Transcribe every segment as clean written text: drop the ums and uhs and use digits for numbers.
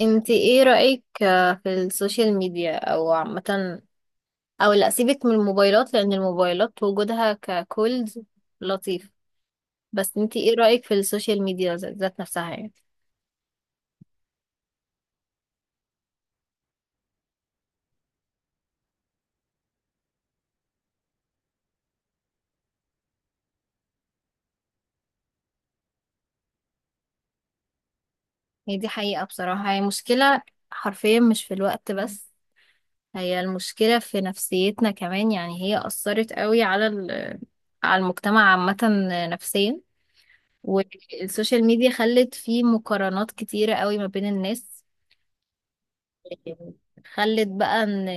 انت ايه رأيك في السوشيال ميديا او عامة، او لا، سيبك من الموبايلات لان الموبايلات وجودها ككولز لطيف. بس انت ايه رأيك في السوشيال ميديا ذات نفسها يعني؟ هي دي حقيقة، بصراحة هي مشكلة حرفيا، مش في الوقت بس، هي المشكلة في نفسيتنا كمان. يعني هي أثرت قوي على على المجتمع عامة، نفسيا. والسوشيال ميديا خلت فيه مقارنات كتيرة قوي ما بين الناس. خلت بقى ان،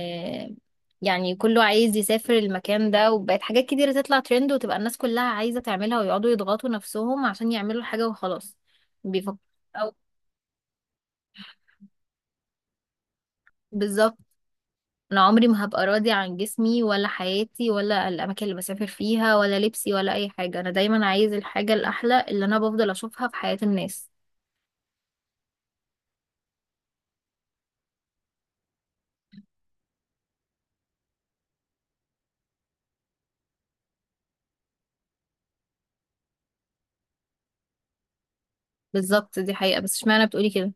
يعني كله عايز يسافر المكان ده، وبقت حاجات كتيرة تطلع ترند وتبقى الناس كلها عايزة تعملها، ويقعدوا يضغطوا نفسهم عشان يعملوا حاجة وخلاص. بيفكروا. أو. بالظبط. انا عمري ما هبقى راضي عن جسمي ولا حياتي ولا الاماكن اللي بسافر فيها ولا لبسي ولا اي حاجة. انا دايما عايز الحاجة الاحلى اللي انا بفضل اشوفها في حياة الناس. بالظبط، دي حقيقة. بس اشمعنى بتقولي كده؟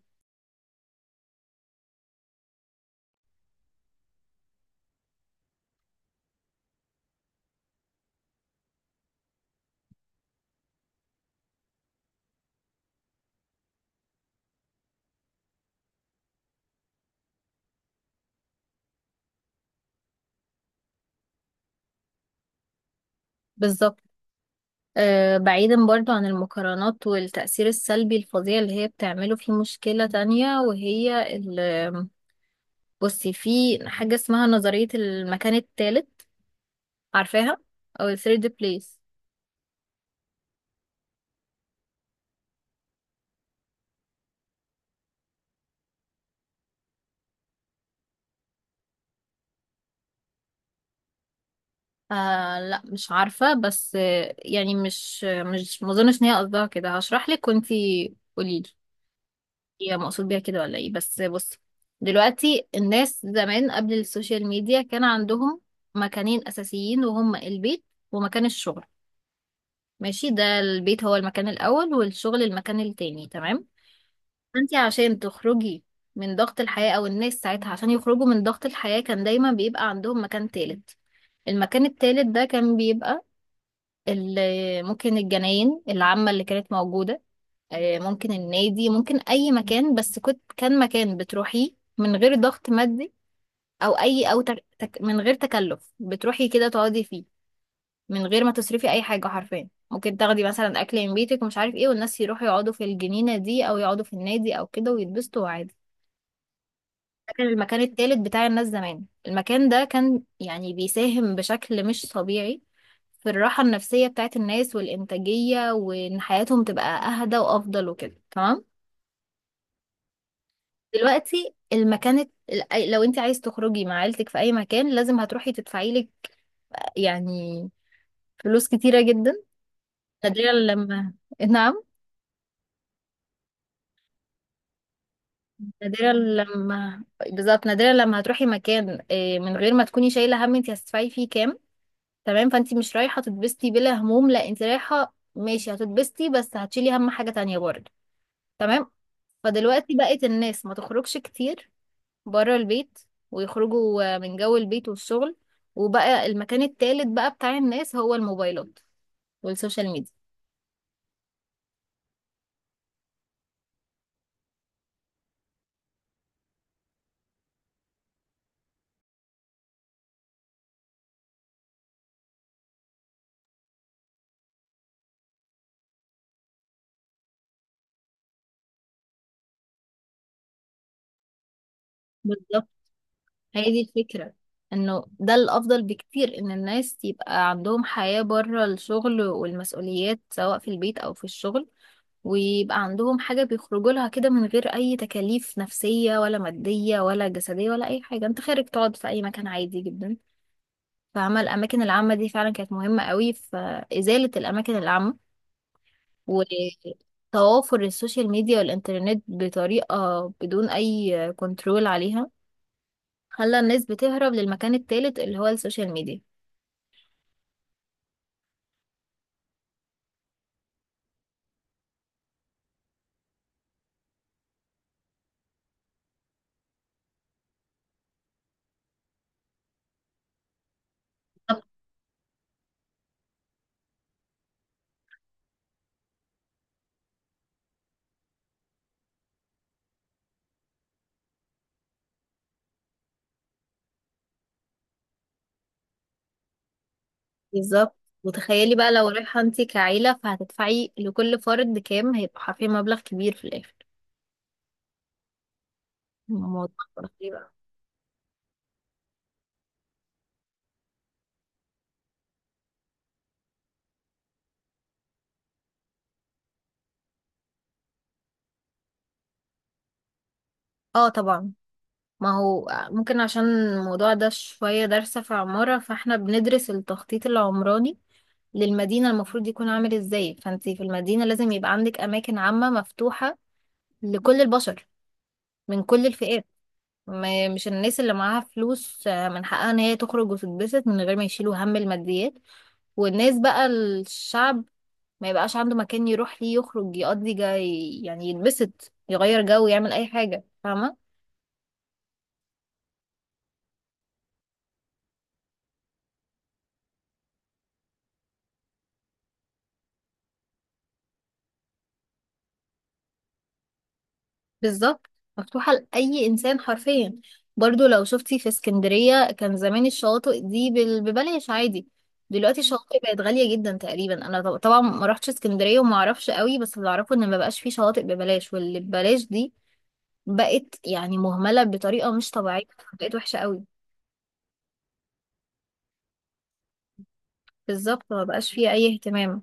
بالظبط. بعيدا برضو عن المقارنات والتأثير السلبي الفظيع اللي هي بتعمله، في مشكلة تانية وهي بصي، في حاجة اسمها نظرية المكان الثالث، عارفاها؟ أو ال third place. آه، لا مش عارفة. بس يعني مش مظنش إن هي قصدها كده. هشرح لك وانتي قوليلي، هي مقصود بيها كده ولا ايه؟ بس بصي، دلوقتي الناس زمان قبل السوشيال ميديا كان عندهم مكانين أساسيين، وهما البيت ومكان الشغل. ماشي، ده البيت هو المكان الأول والشغل المكان التاني، تمام. انت عشان تخرجي من ضغط الحياة، او الناس ساعتها عشان يخرجوا من ضغط الحياة، كان دايما بيبقى عندهم مكان تالت. المكان التالت ده كان بيبقى ممكن الجناين العامة اللي كانت موجودة، ممكن النادي، ممكن اي مكان. بس كان مكان بتروحيه من غير ضغط مادي، او اي، او من غير تكلف، بتروحي كده تقعدي فيه. من غير ما تصرفي اي حاجه حرفيا. ممكن تاخدي مثلا اكل من بيتك ومش عارف ايه، والناس يروحوا يقعدوا في الجنينه دي او يقعدوا في النادي او كده ويتبسطوا عادي. ده كان المكان التالت بتاع الناس زمان. المكان ده كان يعني بيساهم بشكل مش طبيعي في الراحه النفسيه بتاعت الناس والانتاجيه، وان حياتهم تبقى اهدى وافضل وكده، تمام. دلوقتي لو انت عايز تخرجي مع عيلتك في اي مكان لازم هتروحي تدفعي لك، يعني، فلوس كتيره جدا. نادرا لما نعم. نادرا لما. بالظبط، نادرا لما هتروحي مكان من غير ما تكوني شايله هم انت هتدفعي فيه كام، تمام. فانت مش رايحه تتبسطي بلا هموم، لا، انت رايحه ماشي هتتبسطي بس هتشيلي هم حاجه تانية برضه، تمام. فدلوقتي بقت الناس ما تخرجش كتير بره البيت، ويخرجوا من جو البيت والشغل. وبقى المكان التالت بقى بتاع الناس هو الموبايلات والسوشيال ميديا. بالظبط، هي دي الفكرة. انه ده الافضل بكتير ان الناس يبقى عندهم حياة بره الشغل والمسؤوليات، سواء في البيت او في الشغل، ويبقى عندهم حاجة بيخرجوا لها كده من غير اي تكاليف نفسية ولا مادية ولا جسدية ولا اي حاجة. انت خارج تقعد في اي مكان عادي جدا. فعمل الاماكن العامة دي فعلا كانت مهمة قوي. في ازالة الاماكن العامة وتوافر السوشيال ميديا والانترنت بطريقة بدون اي كنترول عليها، خلى الناس بتهرب للمكان التالت اللي هو السوشيال ميديا. طب. بالظبط. وتخيلي بقى لو رايحة انتي كعيلة، فهتدفعي لكل فرد كام؟ هيبقى حرفيا مبلغ كبير في الآخر. الموضوع خطير بقى. اه طبعا. ما هو ممكن، عشان الموضوع ده شوية دارسة في عمارة، فاحنا بندرس التخطيط العمراني للمدينة المفروض يكون عامل ازاي. فانتي في المدينة لازم يبقى عندك أماكن عامة مفتوحة لكل البشر من كل الفئات. مش الناس اللي معاها فلوس من حقها ان هي تخرج وتتبسط من غير ما يشيلوا هم الماديات. والناس بقى الشعب، ما يبقاش عنده مكان يروح ليه يخرج يقضي جاي، يعني يتبسط يغير جو يعمل اي حاجة، فاهمة. بالظبط. مفتوحة لأي إنسان حرفيا. برضو لو شفتي في اسكندرية كان زمان الشواطئ دي ببلاش عادي. دلوقتي الشواطئ بقت غالية جدا. تقريبا انا طبعا ما رحتش اسكندرية وما اعرفش قوي، بس اللي اعرفه ان ما بقاش فيه شواطئ ببلاش، واللي ببلاش دي بقت يعني مهملة بطريقة مش طبيعية. بقت وحشة قوي. بالظبط، ما بقاش فيها أي اهتمام.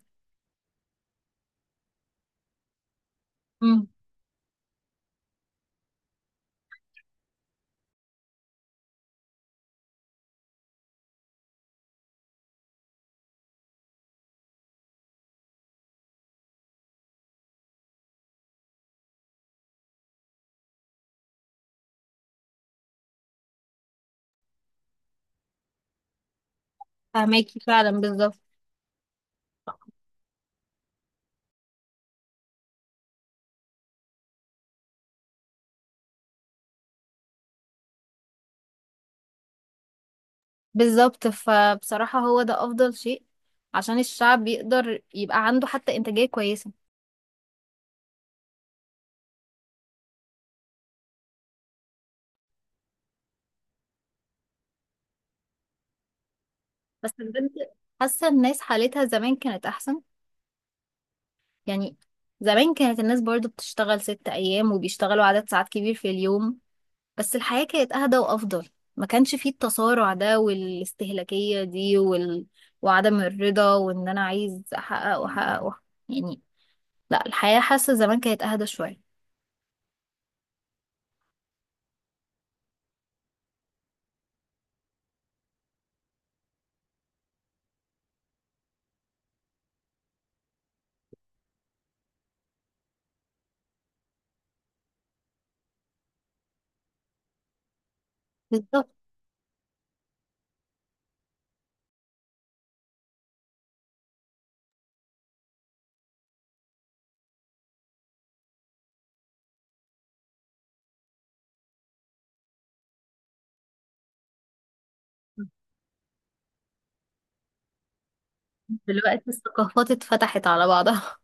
امم فهماكي فعلا، بالظبط. بالظبط، فبصراحة هو ده أفضل شيء عشان الشعب يقدر يبقى عنده حتى إنتاجية كويسة. بس بجد، حاسة الناس حالتها زمان كانت أحسن. يعني زمان كانت الناس برضو بتشتغل 6 أيام وبيشتغلوا عدد ساعات كبير في اليوم، بس الحياة كانت أهدى وأفضل. ما كانش فيه التصارع ده والاستهلاكية دي وعدم الرضا، وإن أنا عايز أحقق وأحقق وأحقق. يعني لا، الحياة، حاسة زمان كانت أهدى شوية. بالظبط. دلوقتي الثقافات اتفتحت على بعضها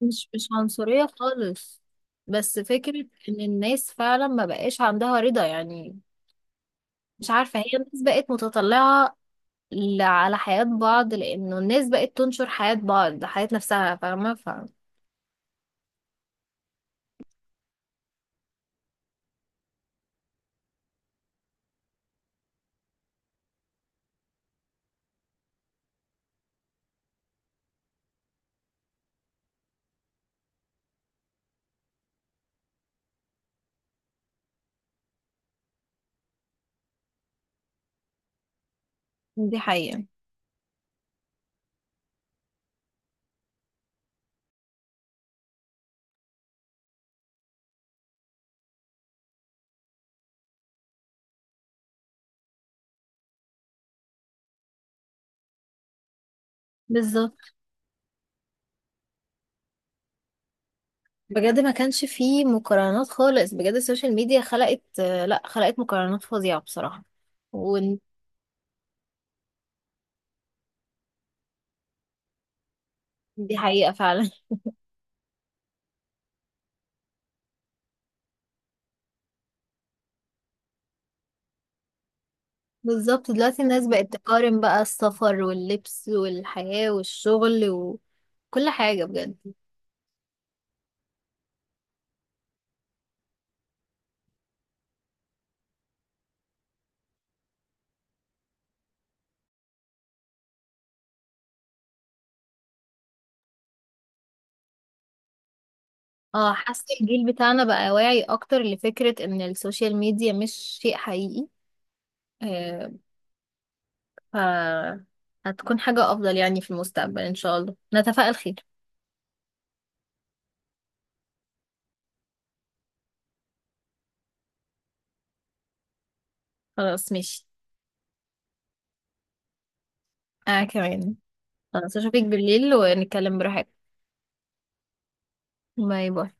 مش عنصرية خالص، بس فكرة إن الناس فعلا ما بقاش عندها رضا. يعني مش عارفة، هي الناس بقت متطلعة على حياة بعض، لأنه الناس بقت تنشر حياة بعض، حياة نفسها، فاهمة؟ دي حقيقة، بالظبط. بجد ما كانش فيه مقارنات خالص. بجد السوشيال ميديا خلقت آه، لا خلقت مقارنات فظيعة بصراحة، ودي حقيقة فعلا بالظبط. دلوقتي الناس بقت تقارن بقى السفر واللبس والحياة والشغل وكل حاجة بجد. اه، حاسة الجيل بتاعنا بقى واعي اكتر لفكرة ان السوشيال ميديا مش شيء حقيقي. آه، ف هتكون حاجة افضل يعني في المستقبل ان شاء الله، نتفائل خير. خلاص ماشي. انا كمان، خلاص اشوفك بالليل ونتكلم براحتك. باي باي.